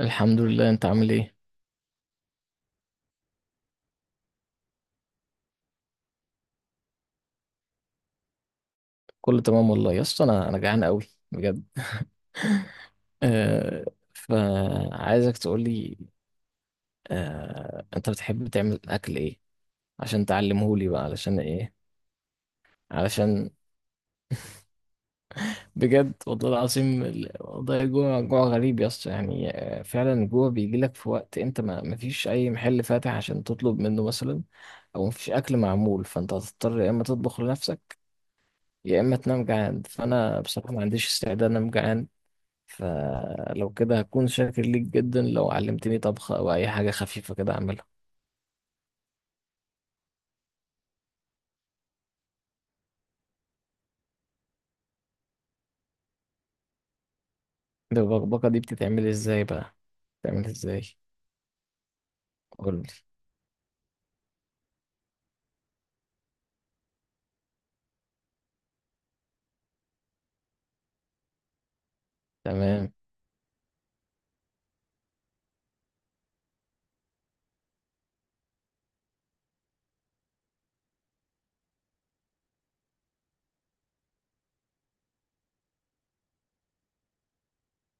الحمد لله. انت عامل ايه؟ كله تمام والله يا اسطى، انا جعان قوي، بجد. آه. فعايزك تقول لي. انت بتحب تعمل اكل ايه عشان تعلمه لي بقى، علشان ايه؟ علشان بجد والله العظيم، والله جوع جوع غريب يا اسطى. يعني فعلا الجوع بيجي لك في وقت انت ما مفيش اي محل فاتح عشان تطلب منه مثلا، او مفيش اكل معمول، فانت هتضطر يا اما تطبخ لنفسك، يا اما تنام جعان. فانا بصراحه ما عنديش استعداد انام جعان، فلو كده هكون شاكر ليك جدا لو علمتني طبخة أو أي حاجة خفيفة كده أعملها. البكبكة دي بتتعمل إزاي بقى؟ بتتعمل إزاي؟ قولي. تمام.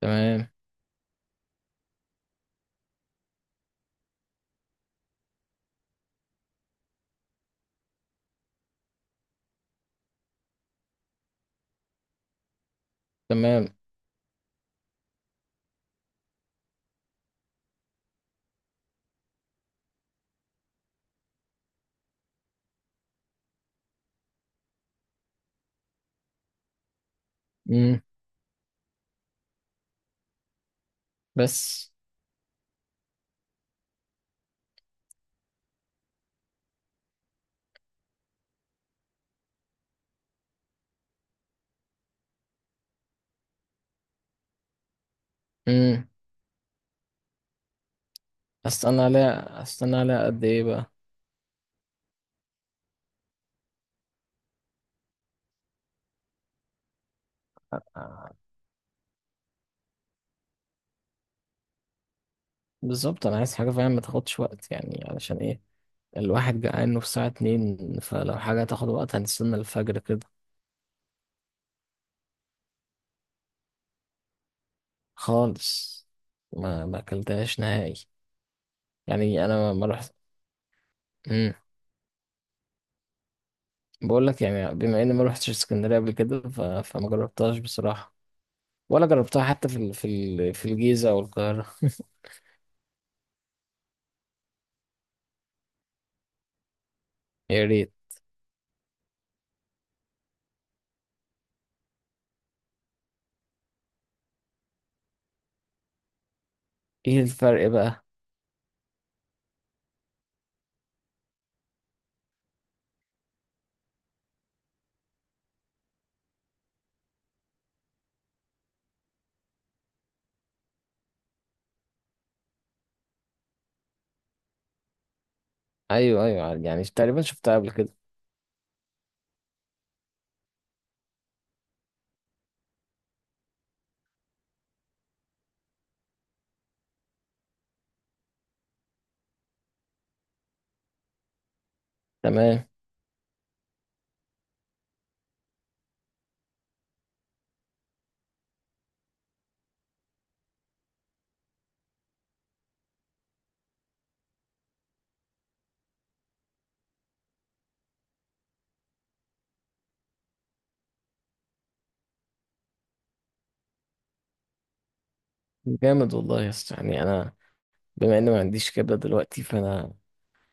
تمام. تمام. مم. بس. مم. أستنى عليها قد إيه بقى؟ بالظبط، أنا عايز حاجة فعلا ما تاخدش وقت، يعني علشان إيه؟ الواحد جعان في الساعة 2، فلو حاجة تاخد وقت هنستنى الفجر كده. خالص. ما أكلتهاش نهائي. يعني أنا ما رحت. بقول لك، يعني بما اني ما روحتش اسكندريه قبل كده، فما جربتهاش بصراحه. ولا جربتها حتى في الجيزه او القاهره يا ريت. ايه الفرق بقى؟ ايوه ايوه، يعني تقريبا شفتها قبل كده. تمام. جامد والله يا اسطى، يعني انا بما اني ما عنديش كبده دلوقتي، فانا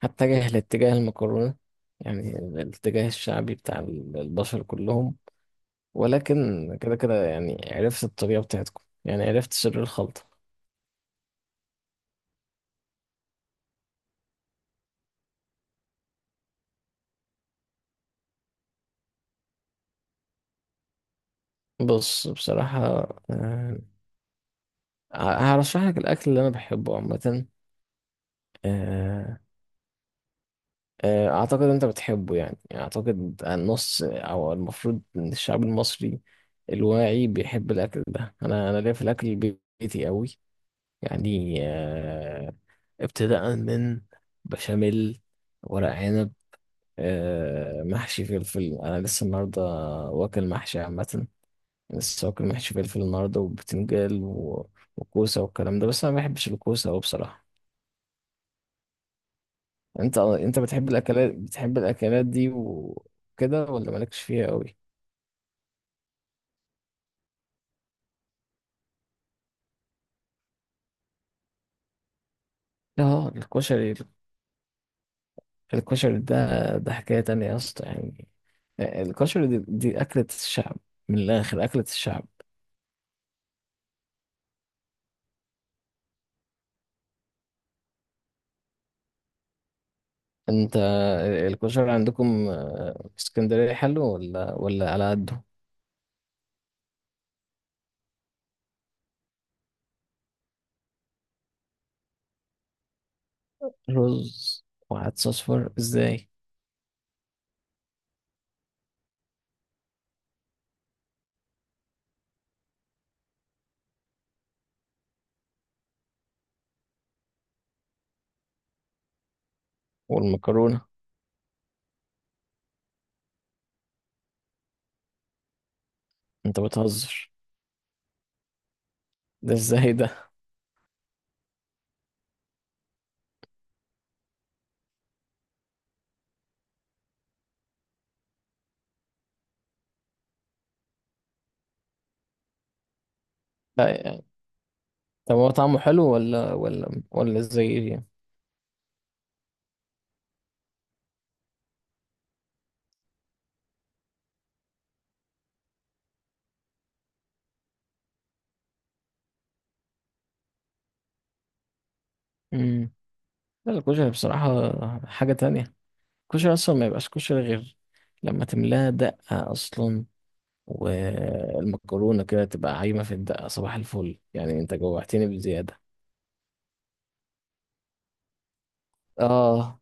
هتجه لاتجاه المكرونه، يعني الاتجاه الشعبي بتاع البشر كلهم. ولكن كده كده، يعني عرفت الطريقه بتاعتكم، يعني عرفت سر الخلطه. بص بصراحه، آه، هرشح لك الاكل اللي انا بحبه عامه. آه، اعتقد انت بتحبه، يعني اعتقد النص او المفروض ان الشعب المصري الواعي بيحب الاكل ده. انا ليا في الاكل البيتي قوي. يعني ابتداء من بشاميل، ورق عنب، محشي فلفل. انا لسه النهارده واكل محشي عامه، لسه واكل محشي فلفل النهارده، وبتنجال وكوسه والكلام ده. بس انا ما بحبش الكوسه قوي بصراحه. انت بتحب الاكلات دي وكده، ولا مالكش فيها قوي؟ اه الكشري. الكشري ده، ده حكاية تانية يا اسطى، يعني الكشري دي اكلة الشعب، من الاخر اكلة الشعب. انت الكشري عندكم في اسكندرية حلو ولا على قده؟ رز وعدس اصفر ازاي؟ والمكرونة؟ انت بتهزر، ده ازاي ده؟ لا يعني، طب هو طعمه حلو ولا ازاي يعني؟ مم. لا الكشري بصراحة حاجة تانية. الكشري أصلا ما يبقاش كشري غير لما تملاها دقة أصلا، والمكرونة كده تبقى عايمة في الدقة. صباح الفل، يعني أنت جوعتني بزيادة. آه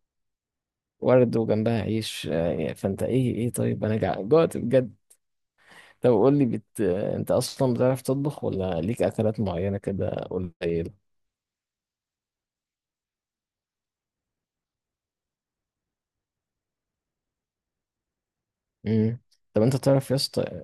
ورد وجنبها عيش. فأنت إيه، طيب أنا جوعت بجد. طب قول لي، أنت أصلا بتعرف تطبخ، ولا ليك أكلات معينة كده قليلة؟ مم. طب أنت تعرف يا اسطى.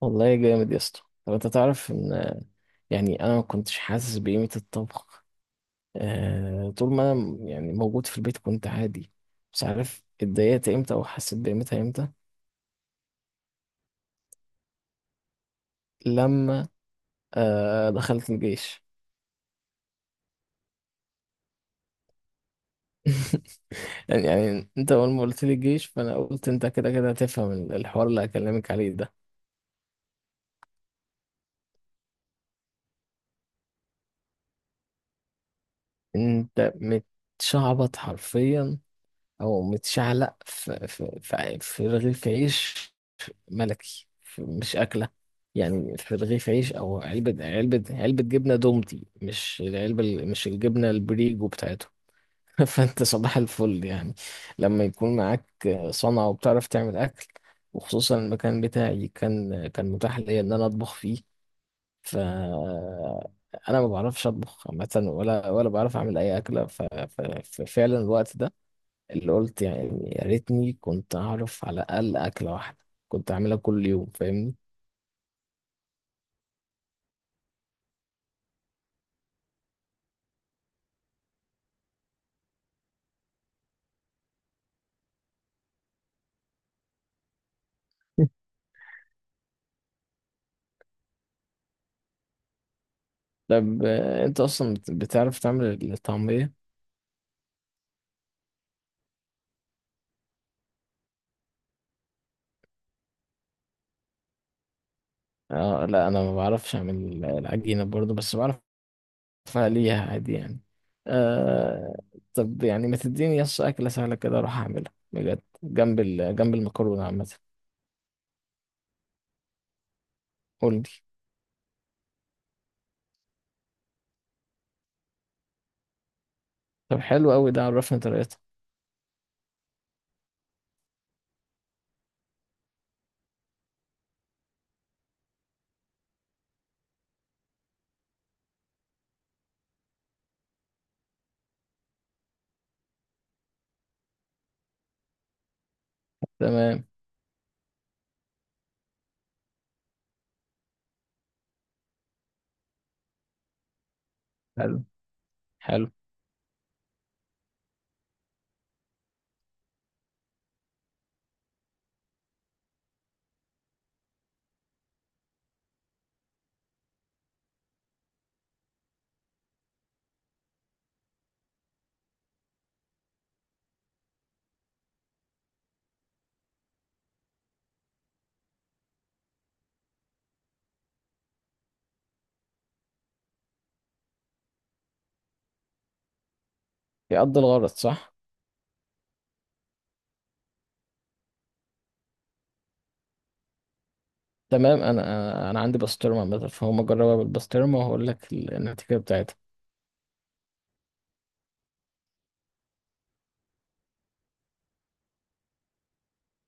والله جامد يا اسطى، طب أنت تعرف إن يعني أنا ما كنتش حاسس بقيمة الطبخ. طول ما انا يعني موجود في البيت كنت عادي، مش عارف اتضايقت امتى او حسيت بقيمتها امتى. لما دخلت الجيش يعني انت اول ما قلت لي الجيش، فانا قلت انت كده كده هتفهم الحوار اللي هكلمك عليه ده. انت متشعبط حرفيا، او متشعلق في رغيف عيش ملكي، مش اكله. يعني في رغيف عيش، او علبه جبنه دومتي، مش العلبه مش الجبنه البريجو بتاعتهم فانت صباح الفل، يعني لما يكون معاك صنعة وبتعرف تعمل اكل، وخصوصا المكان بتاعي كان متاح ليا ان انا اطبخ فيه. ف انا ما بعرفش اطبخ عامة، ولا بعرف اعمل اي اكلة. ففعلا الوقت ده اللي قلت، يعني يا ريتني كنت اعرف على الاقل اكلة واحدة كنت اعملها كل يوم، فاهمني؟ طب انت اصلا بتعرف تعمل الطعمية؟ آه لا انا ما بعرفش اعمل العجينة برضو، بس بعرف فليها عادي يعني. آه. طب يعني ما تديني يس أكلة سهلة كده أروح أعملها بجد، جنب جنب المكرونة عامة. قول لي. طب حلو أوي، ده عرفني طريقتها. تمام. حلو. حلو. يقضي الغرض صح. تمام. أنا عندي بسطرمة مثلا، فهم جربها بالبسطرمة وهقول لك النتيجة بتاعتها.